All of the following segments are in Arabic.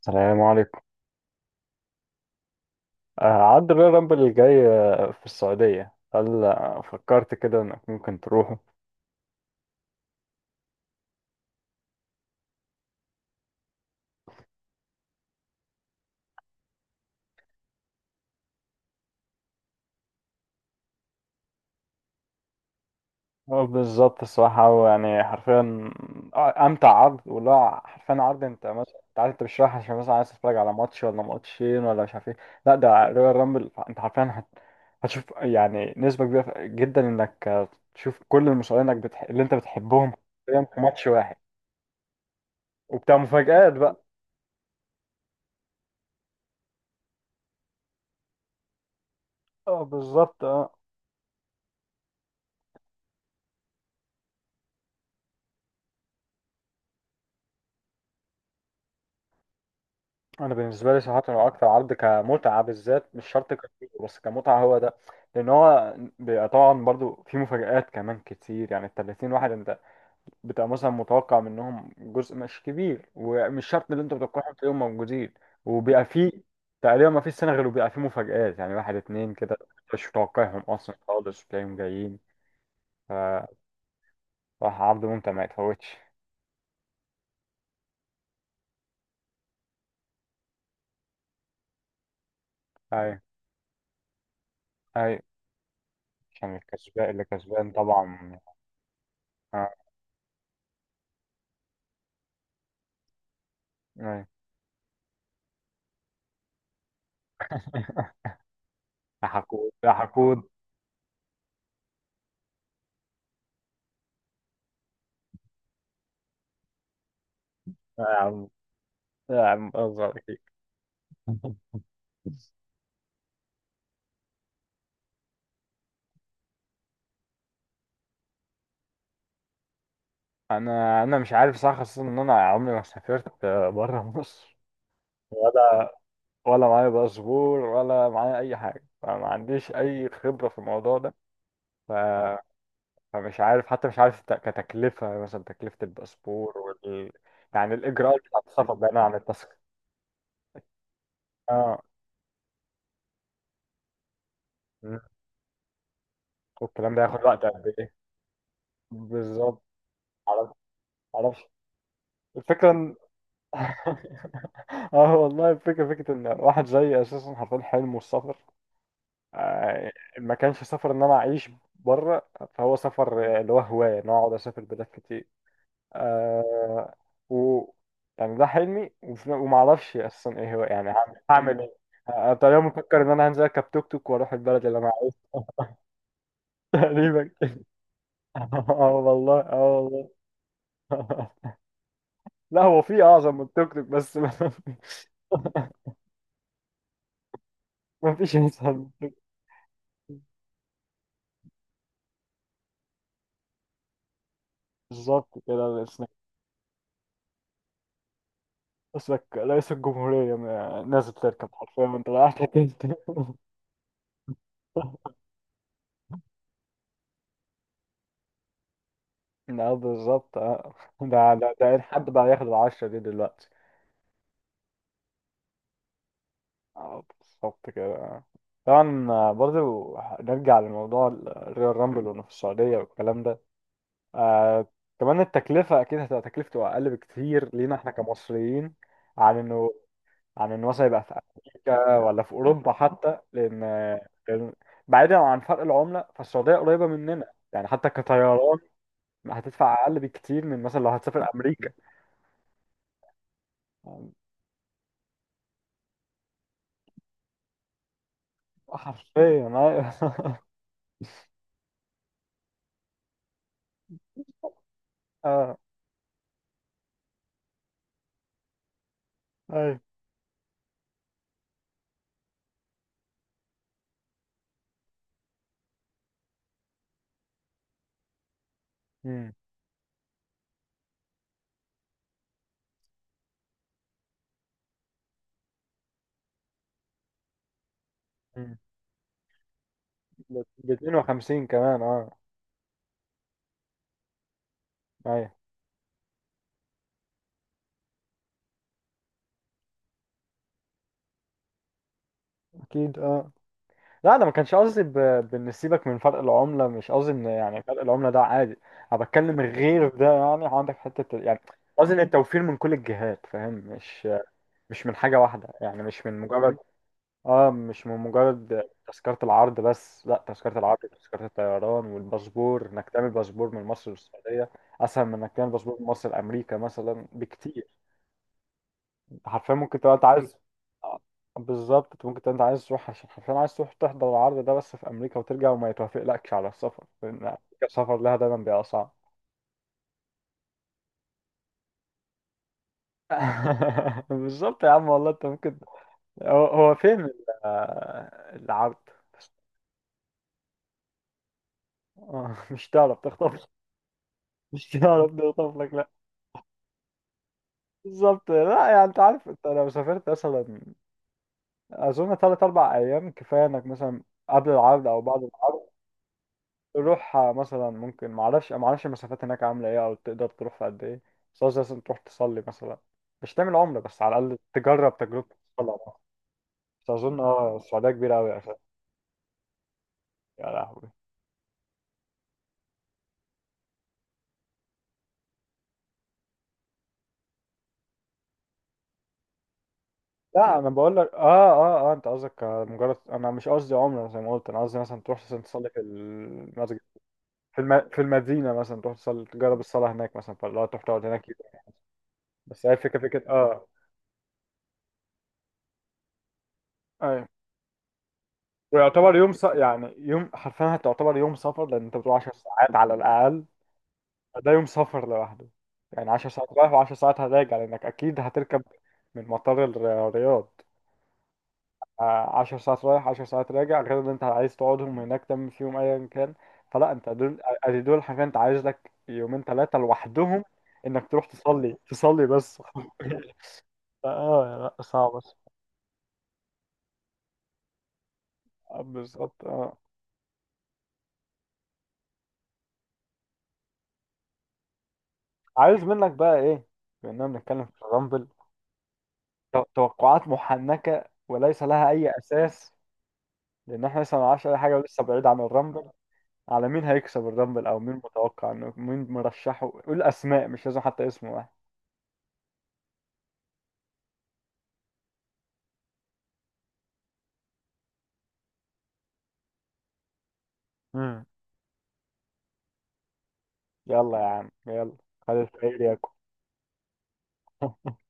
السلام عليكم. آه، عد الريال رامبل الجاي، في السعودية، هل فكرت كده انك ممكن تروحه؟ هو بالظبط الصراحة، هو يعني حرفيا أمتع عرض، ولا حرفيا عرض أنت مثلا أنت عارف أنت مش رايح عشان مثلا عايز تتفرج على ماتش ولا ماتشين ولا مش عارف إيه. لا، ده ريال رامبل، أنت حرفيا هتشوف يعني نسبة كبيرة جدا إنك، تشوف كل المصارعين، إنك اللي أنت بتحبهم في ماتش واحد، وبتاع مفاجآت بقى. اه، بالظبط، اه. انا بالنسبه لي صراحه هو اكتر عرض كمتعه، بالذات مش شرط كتير بس كمتعه هو ده، لان هو بيبقى طبعا برضو في مفاجآت كمان كتير، يعني ال 30 واحد انت بتبقى مثلا متوقع منهم جزء مش كبير، ومش شرط اللي انت متوقعهم تلاقيهم موجودين، وبيبقى في تقريبا ما فيش سنه غير وبيبقى في مفاجآت، يعني واحد اتنين كده مش متوقعهم اصلا خالص وتلاقيهم جايين. فصراحه عرض ممتع ما يتفوتش. ايوه، ايوه، عشان الكسبان اللي كسبان طبعا. آه، أيوة. يا حقود يا حقود. يا عم، يا عم أصغر فيك. أنا مش عارف صح، خصوصا إن أنا عمري ما سافرت بره مصر، ولا ولا معايا باسبور، ولا معايا أي حاجة، فما عنديش أي خبرة في الموضوع ده. ف... فمش عارف حتى، مش عارف كتكلفة مثلا، تكلفة الباسبور يعني الإجراءات بتاعت السفر بعيدا عن التذكرة. آه، والكلام ده ياخد وقت قد إيه؟ بالظبط. معرفش معرفش. الفكرة. اه والله، الفكرة فكرة ان واحد زي اساسا حرفيا حلمه السفر. آه، ما كانش سفر ان انا اعيش بره، فهو سفر اللي هو هواية، ان أنا اقعد اسافر بلاد كتير. آه و يعني ده حلمي، وما اعرفش اساسا ايه هو، يعني هعمل ايه. تقريبا مفكر ان انا هنزل اركب توك توك واروح البلد اللي انا عايزها. تقريبا. اه والله، اه والله. لا، هو في اعظم من التوك توك بس ما فيش انسان. بالظبط كده، بس اسمك رئيس الجمهورية، نازل تركب حرفيا وانت رايح تركب. لا بالظبط، اه. ده إن حد بقى ياخد العشرة دي دلوقتي. اه بالظبط كده. طبعا، برضه نرجع لموضوع الريال رامبل، وانه في السعودية والكلام ده. آه كمان التكلفة أكيد هتبقى تكلفته أقل بكتير لينا احنا كمصريين، عن إنه عن ان مثلا يبقى في امريكا، ولا في اوروبا حتى، لأن بعيدا عن فرق العمله، فالسعوديه قريبه مننا يعني، حتى كطيران هتدفع اقل بكتير من مثلا لو هتسافر امريكا. حرفيا. ايوه. اه، ايوه. أمم. أمم. ب 52 كمان، اه. ايوه. اكيد، اه. لا انا ما كانش قصدي بان سيبك من فرق العمله، مش قصدي ان يعني فرق العمله ده عادي، انا بتكلم غير ده يعني، عندك حته يعني، قصدي ان التوفير من كل الجهات، فاهم، مش من حاجة واحدة، يعني مش من مجرد تذكرة العرض بس، لا، تذكرة العرض، تذكرة الطيران، والباسبور، انك تعمل باسبور من مصر للسعودية اسهل من انك تعمل باسبور من مصر لامريكا مثلا بكتير. انت حرفيا ممكن تبقى انت عايز، آه، بالظبط، انت ممكن تبقى انت عايز تروح عشان حرفيا عايز تروح تحضر العرض ده بس في امريكا وترجع، وما يتوافقلكش على السفر لان أمريكا السفر لها دايما بيبقى صعب. بالظبط يا عم، والله انت ممكن. هو هو فين العرض؟ مش تعرف تخطف، مش تعرف تخطف لك لا. بالظبط، لا يعني انت عارف، انت لو سافرت مثلا، اظن ثلاث اربع ايام كفايه، انك مثلا قبل العرض او بعد العرض تروح، مثلا، ممكن، ما اعرفش المسافات هناك عامله ايه، او تقدر تروح في قد ايه، بس قصدي مثلا تروح تصلي مثلا، مش تعمل عمره بس على الاقل تجرب تجربه الصلاه بقى. بس اظن اه السعوديه كبيره قوي يا اخي. يا لهوي. لا انا بقول لك، اه اه اه انت قصدك مجرد، انا مش قصدي عمره زي ما قلت، انا قصدي مثلا تروح مثلا تصلي في المسجد في في المدينة مثلا، تروح تصلي تجرب الصلاة هناك مثلا، فاللي هو تروح تقعد هناك يوم. بس هي الفكرة فكرة اه. ايوه. ويعتبر يوم يعني يوم، حرفيا هتعتبر يوم سفر، لأن أنت بتروح 10 ساعات على الأقل، ده يوم سفر لوحده، يعني 10 ساعات رايح و10 ساعات هراجع، لأنك أكيد هتركب من مطار الرياض، 10 ساعات رايح 10 ساعات راجع، غير إن أنت عايز تقعدهم هناك تعمل فيهم أيا كان، فلا، أنت دول، أدي دول حرفيا، أنت عايز لك يومين ثلاثة لوحدهم إنك تروح تصلي تصلي بس. اه لا، صعبة. بالظبط، اه. عايز منك بقى ايه، بما بنتكلم في الرامبل، توقعات محنكة وليس لها اي اساس، لان احنا لسه ما نعرفش اي حاجة ولسه بعيد عن الرامبل، على مين هيكسب الرامبل، او مين متوقع انه، مين مرشحه، قول اسماء، مش لازم حتى اسم واحد. امم يلا يا عم يلا، خلي الفقير ياكل.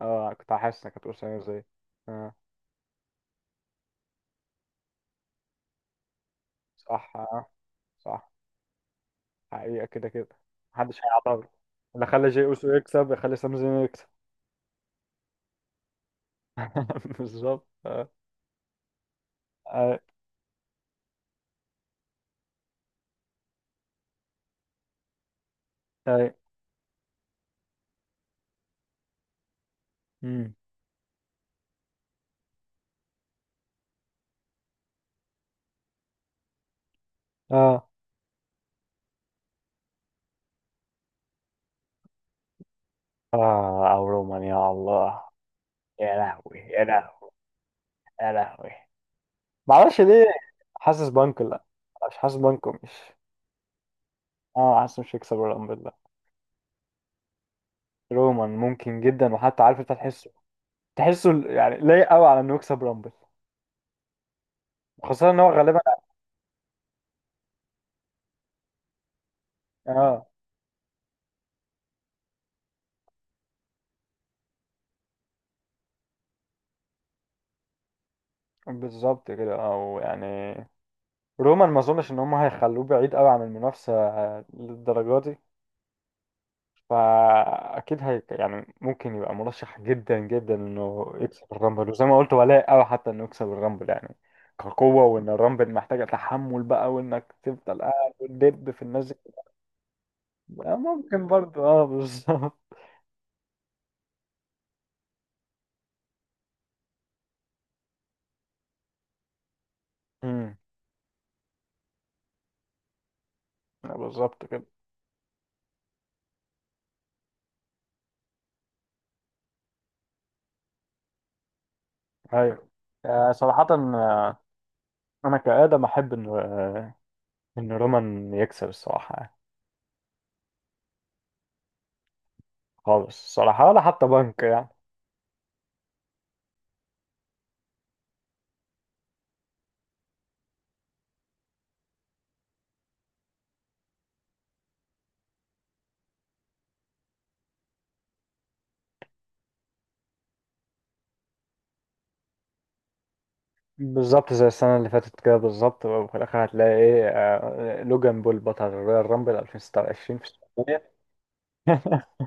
اه كنت حاسس انك هتقول سامي زي. اه، صح، اه، صح، حقيقة كده كده، محدش هيعترض، اللي خلى جي اوسو يكسب يخلي سامي زين يكسب. بالظبط، اه. اه، اه، مم. اه، او رومان، يا الله. يا لهوي، يا لهوي، يا لهوي. معرفش ليه، حاسس بانكو لا، مش حاسس بانكو، مش، اه حاسس مش هيكسب الرامبل لا. رومان ممكن جدا، وحتى عارف انت تحسه، تحسه يعني لايق قوي على انه يكسب رامبل، خاصة ان هو غالبا اه. بالظبط كده، او يعني رومان ما اظنش ان هم هيخلوه بعيد قوي عن المنافسة للدرجة دي، فاكيد هي يعني ممكن يبقى مرشح جدا جدا انه يكسب الرامبل، وزي ما قلت ولاء قوي حتى انه يكسب الرامبل يعني كقوه، وان الرامبل محتاجه تحمل بقى، وانك تفضل قاعد وتدب في الناس دي. ممكن برضه، اه، بالظبط. أمم. بالظبط كده. ايوه. صراحه، انا كادم احب ان رومان يكسب الصراحه يعني. خالص الصراحه، ولا حتى بنك يعني. بالظبط زي السنة اللي فاتت كده بالظبط، وفي الآخر هتلاقي إيه، لوجان بول بطل رويال رامبل 2026 في السعودية.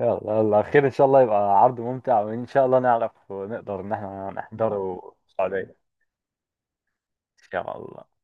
يلا يلا، خير إن شاء الله يبقى عرض ممتع، وإن شاء الله نعرف ونقدر إن إحنا نحضره في السعودية إن شاء الله.